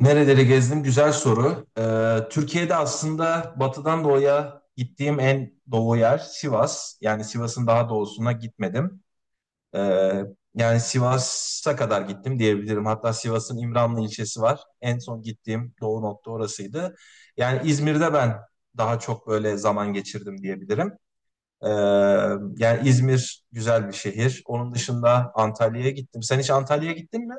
Nereleri gezdim? Güzel soru. Türkiye'de aslında batıdan doğuya gittiğim en doğu yer Sivas. Yani Sivas'ın daha doğusuna gitmedim. Ee, yani Sivas'a kadar gittim diyebilirim. Hatta Sivas'ın İmranlı ilçesi var. En son gittiğim doğu nokta orasıydı. Yani İzmir'de ben daha çok böyle zaman geçirdim diyebilirim. Ee, yani İzmir güzel bir şehir. Onun dışında Antalya'ya gittim. Sen hiç Antalya'ya gittin mi?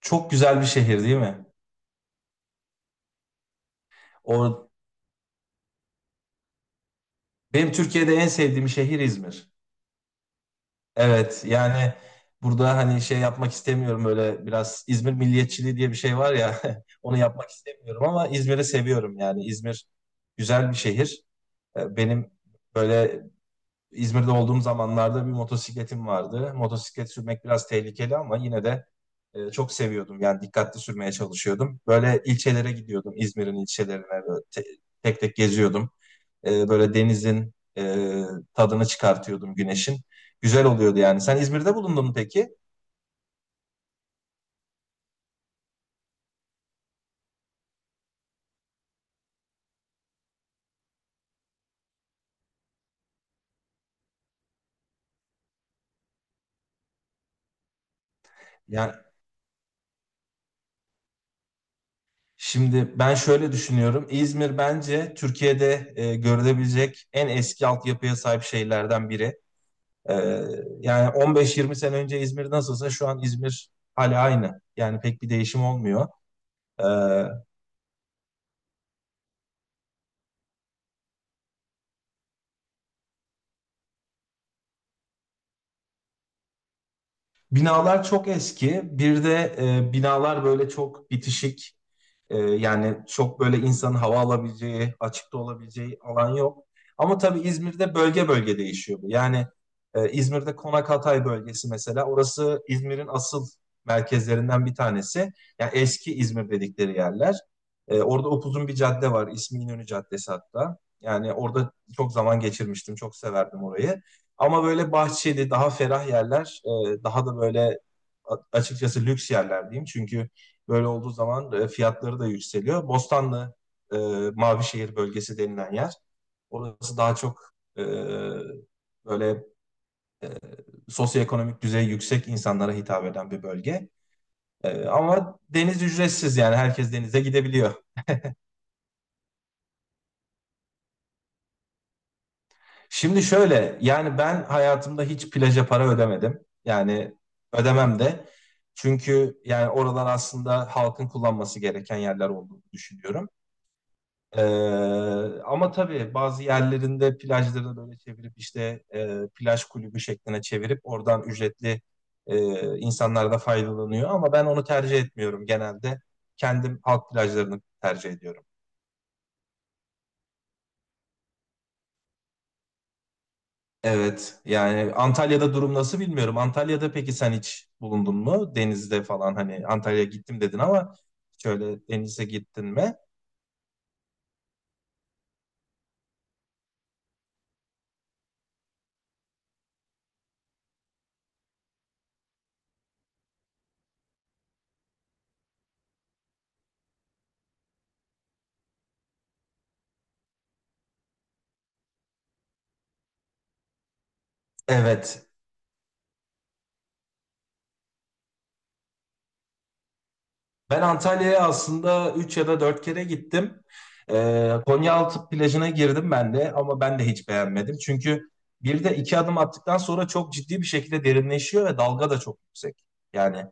Çok güzel bir şehir değil mi? O Benim Türkiye'de en sevdiğim şehir İzmir. Evet, yani burada hani şey yapmak istemiyorum, böyle biraz İzmir milliyetçiliği diye bir şey var ya onu yapmak istemiyorum ama İzmir'i seviyorum, yani İzmir güzel bir şehir. Benim böyle İzmir'de olduğum zamanlarda bir motosikletim vardı. Motosiklet sürmek biraz tehlikeli ama yine de çok seviyordum. Yani dikkatli sürmeye çalışıyordum. Böyle ilçelere gidiyordum, İzmir'in ilçelerine böyle tek tek geziyordum. Böyle denizin tadını çıkartıyordum, güneşin. Güzel oluyordu yani. Sen İzmir'de bulundun mu peki? Yani şimdi ben şöyle düşünüyorum. İzmir bence Türkiye'de görülebilecek en eski altyapıya sahip şehirlerden biri. E, yani 15-20 sene önce İzmir nasılsa şu an İzmir hala aynı. Yani pek bir değişim olmuyor. E, binalar çok eski. Bir de binalar böyle çok bitişik. Yani çok böyle insanın hava alabileceği, açıkta olabileceği alan yok. Ama tabii İzmir'de bölge bölge değişiyor bu. Yani İzmir'de Konak Hatay bölgesi, mesela orası İzmir'in asıl merkezlerinden bir tanesi. Yani eski İzmir dedikleri yerler. Orada upuzun bir cadde var. İsmi İnönü Caddesi hatta. Yani orada çok zaman geçirmiştim. Çok severdim orayı. Ama böyle bahçeli, daha ferah yerler, daha da böyle açıkçası lüks yerler diyeyim. Çünkü böyle olduğu zaman fiyatları da yükseliyor. Bostanlı, e, Mavişehir bölgesi denilen yer. Orası daha çok böyle, e, sosyoekonomik düzeyi yüksek insanlara hitap eden bir bölge. Ama deniz ücretsiz, yani herkes denize gidebiliyor. Şimdi şöyle, yani ben hayatımda hiç plaja para ödemedim. Yani ödemem de. Çünkü yani oralar aslında halkın kullanması gereken yerler olduğunu düşünüyorum. Ee, ama tabii bazı yerlerinde plajları böyle çevirip işte plaj kulübü şekline çevirip oradan ücretli insanlar da faydalanıyor. Ama ben onu tercih etmiyorum genelde. Kendim halk plajlarını tercih ediyorum. Evet, yani Antalya'da durum nasıl bilmiyorum. Antalya'da peki sen hiç bulundun mu? Denizde falan, hani Antalya'ya gittim dedin ama şöyle denize gittin mi? Evet, ben Antalya'ya aslında 3 ya da 4 kere gittim. Konyaaltı plajına girdim ben de ama ben de hiç beğenmedim. Çünkü bir de iki adım attıktan sonra çok ciddi bir şekilde derinleşiyor ve dalga da çok yüksek. Yani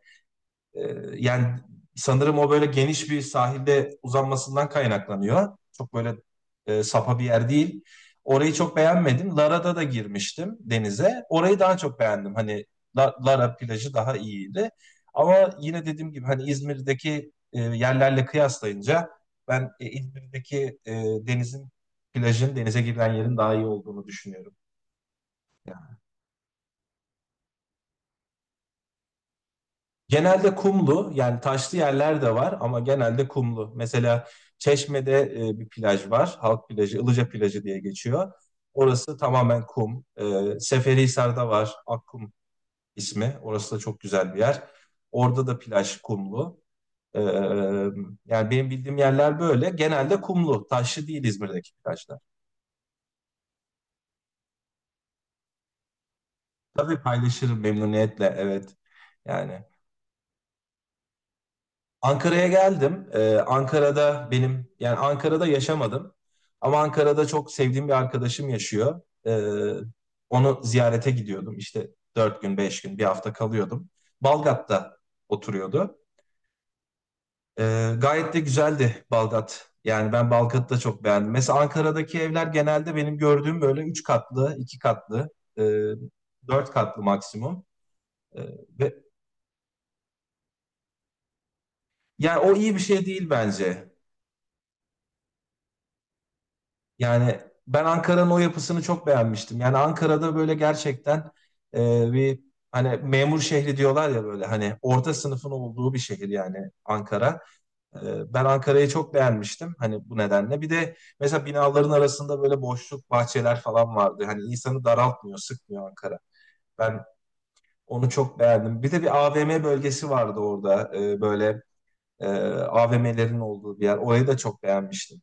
ee, yani sanırım o böyle geniş bir sahilde uzanmasından kaynaklanıyor. Çok böyle sapa bir yer değil. Orayı çok beğenmedim. Lara'da da girmiştim denize. Orayı daha çok beğendim. Hani Lara plajı daha iyiydi. Ama yine dediğim gibi, hani İzmir'deki yerlerle kıyaslayınca ben İzmir'deki denizin, plajın, denize girilen yerin daha iyi olduğunu düşünüyorum. Genelde kumlu, yani taşlı yerler de var ama genelde kumlu. Mesela Çeşme'de bir plaj var. Halk plajı, Ilıca plajı diye geçiyor. Orası tamamen kum. E, Seferihisar'da var, Akkum ismi. Orası da çok güzel bir yer. Orada da plaj kumlu. E, yani benim bildiğim yerler böyle. Genelde kumlu. Taşlı değil İzmir'deki plajlar. Tabii, paylaşırım memnuniyetle, evet. Yani Ankara'ya geldim. Ankara'da benim, yani Ankara'da yaşamadım. Ama Ankara'da çok sevdiğim bir arkadaşım yaşıyor. Onu ziyarete gidiyordum. İşte dört gün, beş gün, bir hafta kalıyordum. Balgat'ta oturuyordu. Gayet de güzeldi Balgat. Yani ben Balgat'ı da çok beğendim. Mesela Ankara'daki evler genelde benim gördüğüm böyle üç katlı, iki katlı, e, dört katlı maksimum. Ee, ve yani o iyi bir şey değil bence. Yani ben Ankara'nın o yapısını çok beğenmiştim. Yani Ankara'da böyle gerçekten bir, hani memur şehri diyorlar ya, böyle hani orta sınıfın olduğu bir şehir, yani Ankara. E, ben Ankara'yı çok beğenmiştim hani bu nedenle. Bir de mesela binaların arasında böyle boşluk bahçeler falan vardı. Hani insanı daraltmıyor, sıkmıyor Ankara. Ben onu çok beğendim. Bir de bir AVM bölgesi vardı orada, böyle e, AVM'lerin olduğu bir yer. Orayı da çok beğenmiştim.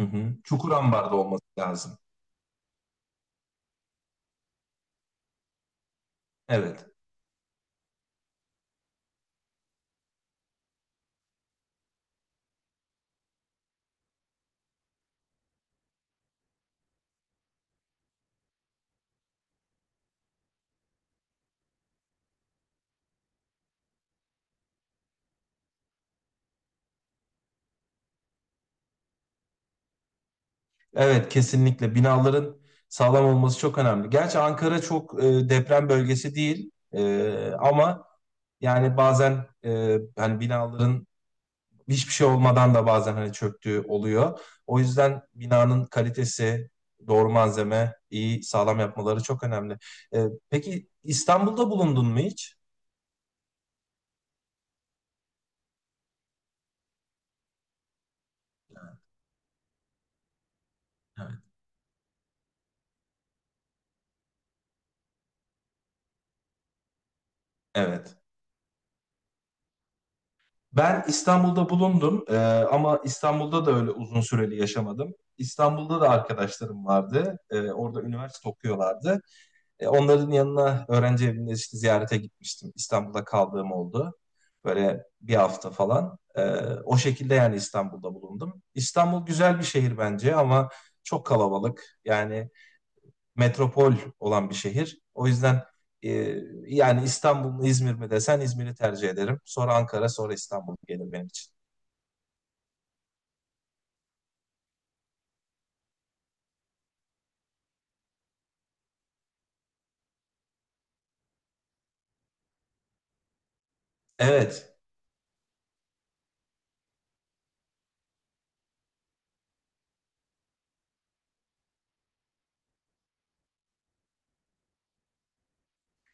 Hı hı. Çukurambar'da olması lazım. Evet. Evet, kesinlikle binaların sağlam olması çok önemli. Gerçi Ankara çok deprem bölgesi değil. E, ama yani bazen, hani binaların hiçbir şey olmadan da bazen hani çöktüğü oluyor. O yüzden binanın kalitesi, doğru malzeme, iyi sağlam yapmaları çok önemli. E, peki İstanbul'da bulundun mu hiç? Evet. Evet. Ben İstanbul'da bulundum, ama İstanbul'da da öyle uzun süreli yaşamadım. İstanbul'da da arkadaşlarım vardı. E, orada üniversite okuyorlardı. E, onların yanına öğrenci evinde işte ziyarete gitmiştim. İstanbul'da kaldığım oldu. Böyle bir hafta falan. O şekilde yani İstanbul'da bulundum. İstanbul güzel bir şehir bence ama çok kalabalık. Yani metropol olan bir şehir. O yüzden ee, yani İstanbul mu İzmir mi desen İzmir'i tercih ederim. Sonra Ankara, sonra İstanbul gelir benim için. Evet,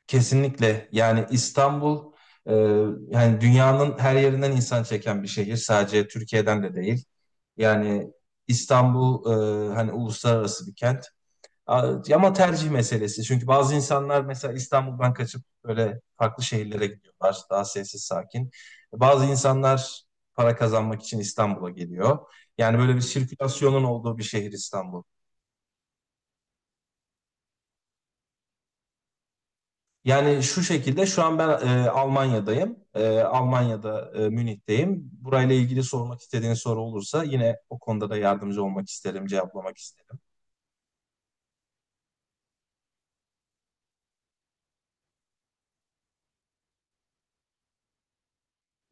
kesinlikle. Yani İstanbul, e, yani dünyanın her yerinden insan çeken bir şehir. Sadece Türkiye'den de değil. Yani İstanbul, hani uluslararası bir kent. Ama tercih meselesi. Çünkü bazı insanlar mesela İstanbul'dan kaçıp böyle farklı şehirlere gidiyorlar. Daha sessiz, sakin. Bazı insanlar para kazanmak için İstanbul'a geliyor. Yani böyle bir sirkülasyonun olduğu bir şehir İstanbul. Yani şu şekilde, şu an ben Almanya'dayım. E, Almanya'da, Münih'teyim. Burayla ilgili sormak istediğin soru olursa yine o konuda da yardımcı olmak isterim, cevaplamak isterim.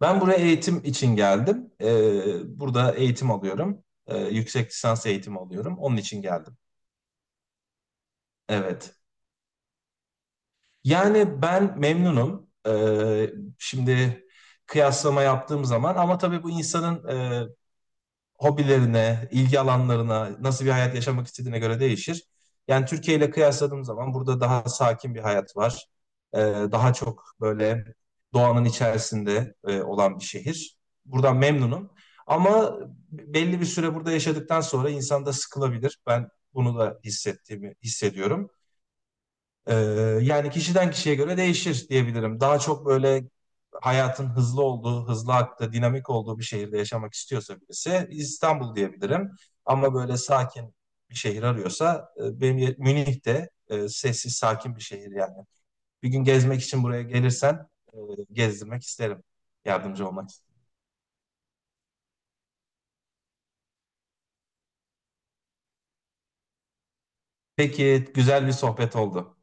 Ben buraya eğitim için geldim. E, burada eğitim alıyorum. E, yüksek lisans eğitimi alıyorum. Onun için geldim. Evet. Yani ben memnunum. E, şimdi kıyaslama yaptığım zaman, ama tabii bu insanın hobilerine, ilgi alanlarına, nasıl bir hayat yaşamak istediğine göre değişir. Yani Türkiye ile kıyasladığım zaman burada daha sakin bir hayat var. Ee, daha çok böyle doğanın içerisinde olan bir şehir. Buradan memnunum. Ama belli bir süre burada yaşadıktan sonra insan da sıkılabilir. Ben bunu da hissettiğimi hissediyorum. Ee, yani kişiden kişiye göre değişir diyebilirim. Daha çok böyle hayatın hızlı olduğu, hızlı aktığı, dinamik olduğu bir şehirde yaşamak istiyorsa birisi, İstanbul diyebilirim. Ama böyle sakin bir şehir arıyorsa benim Münih de sessiz, sakin bir şehir yani. Bir gün gezmek için buraya gelirsen e, gezdirmek isterim. Yardımcı olmak isterim. Peki, güzel bir sohbet oldu.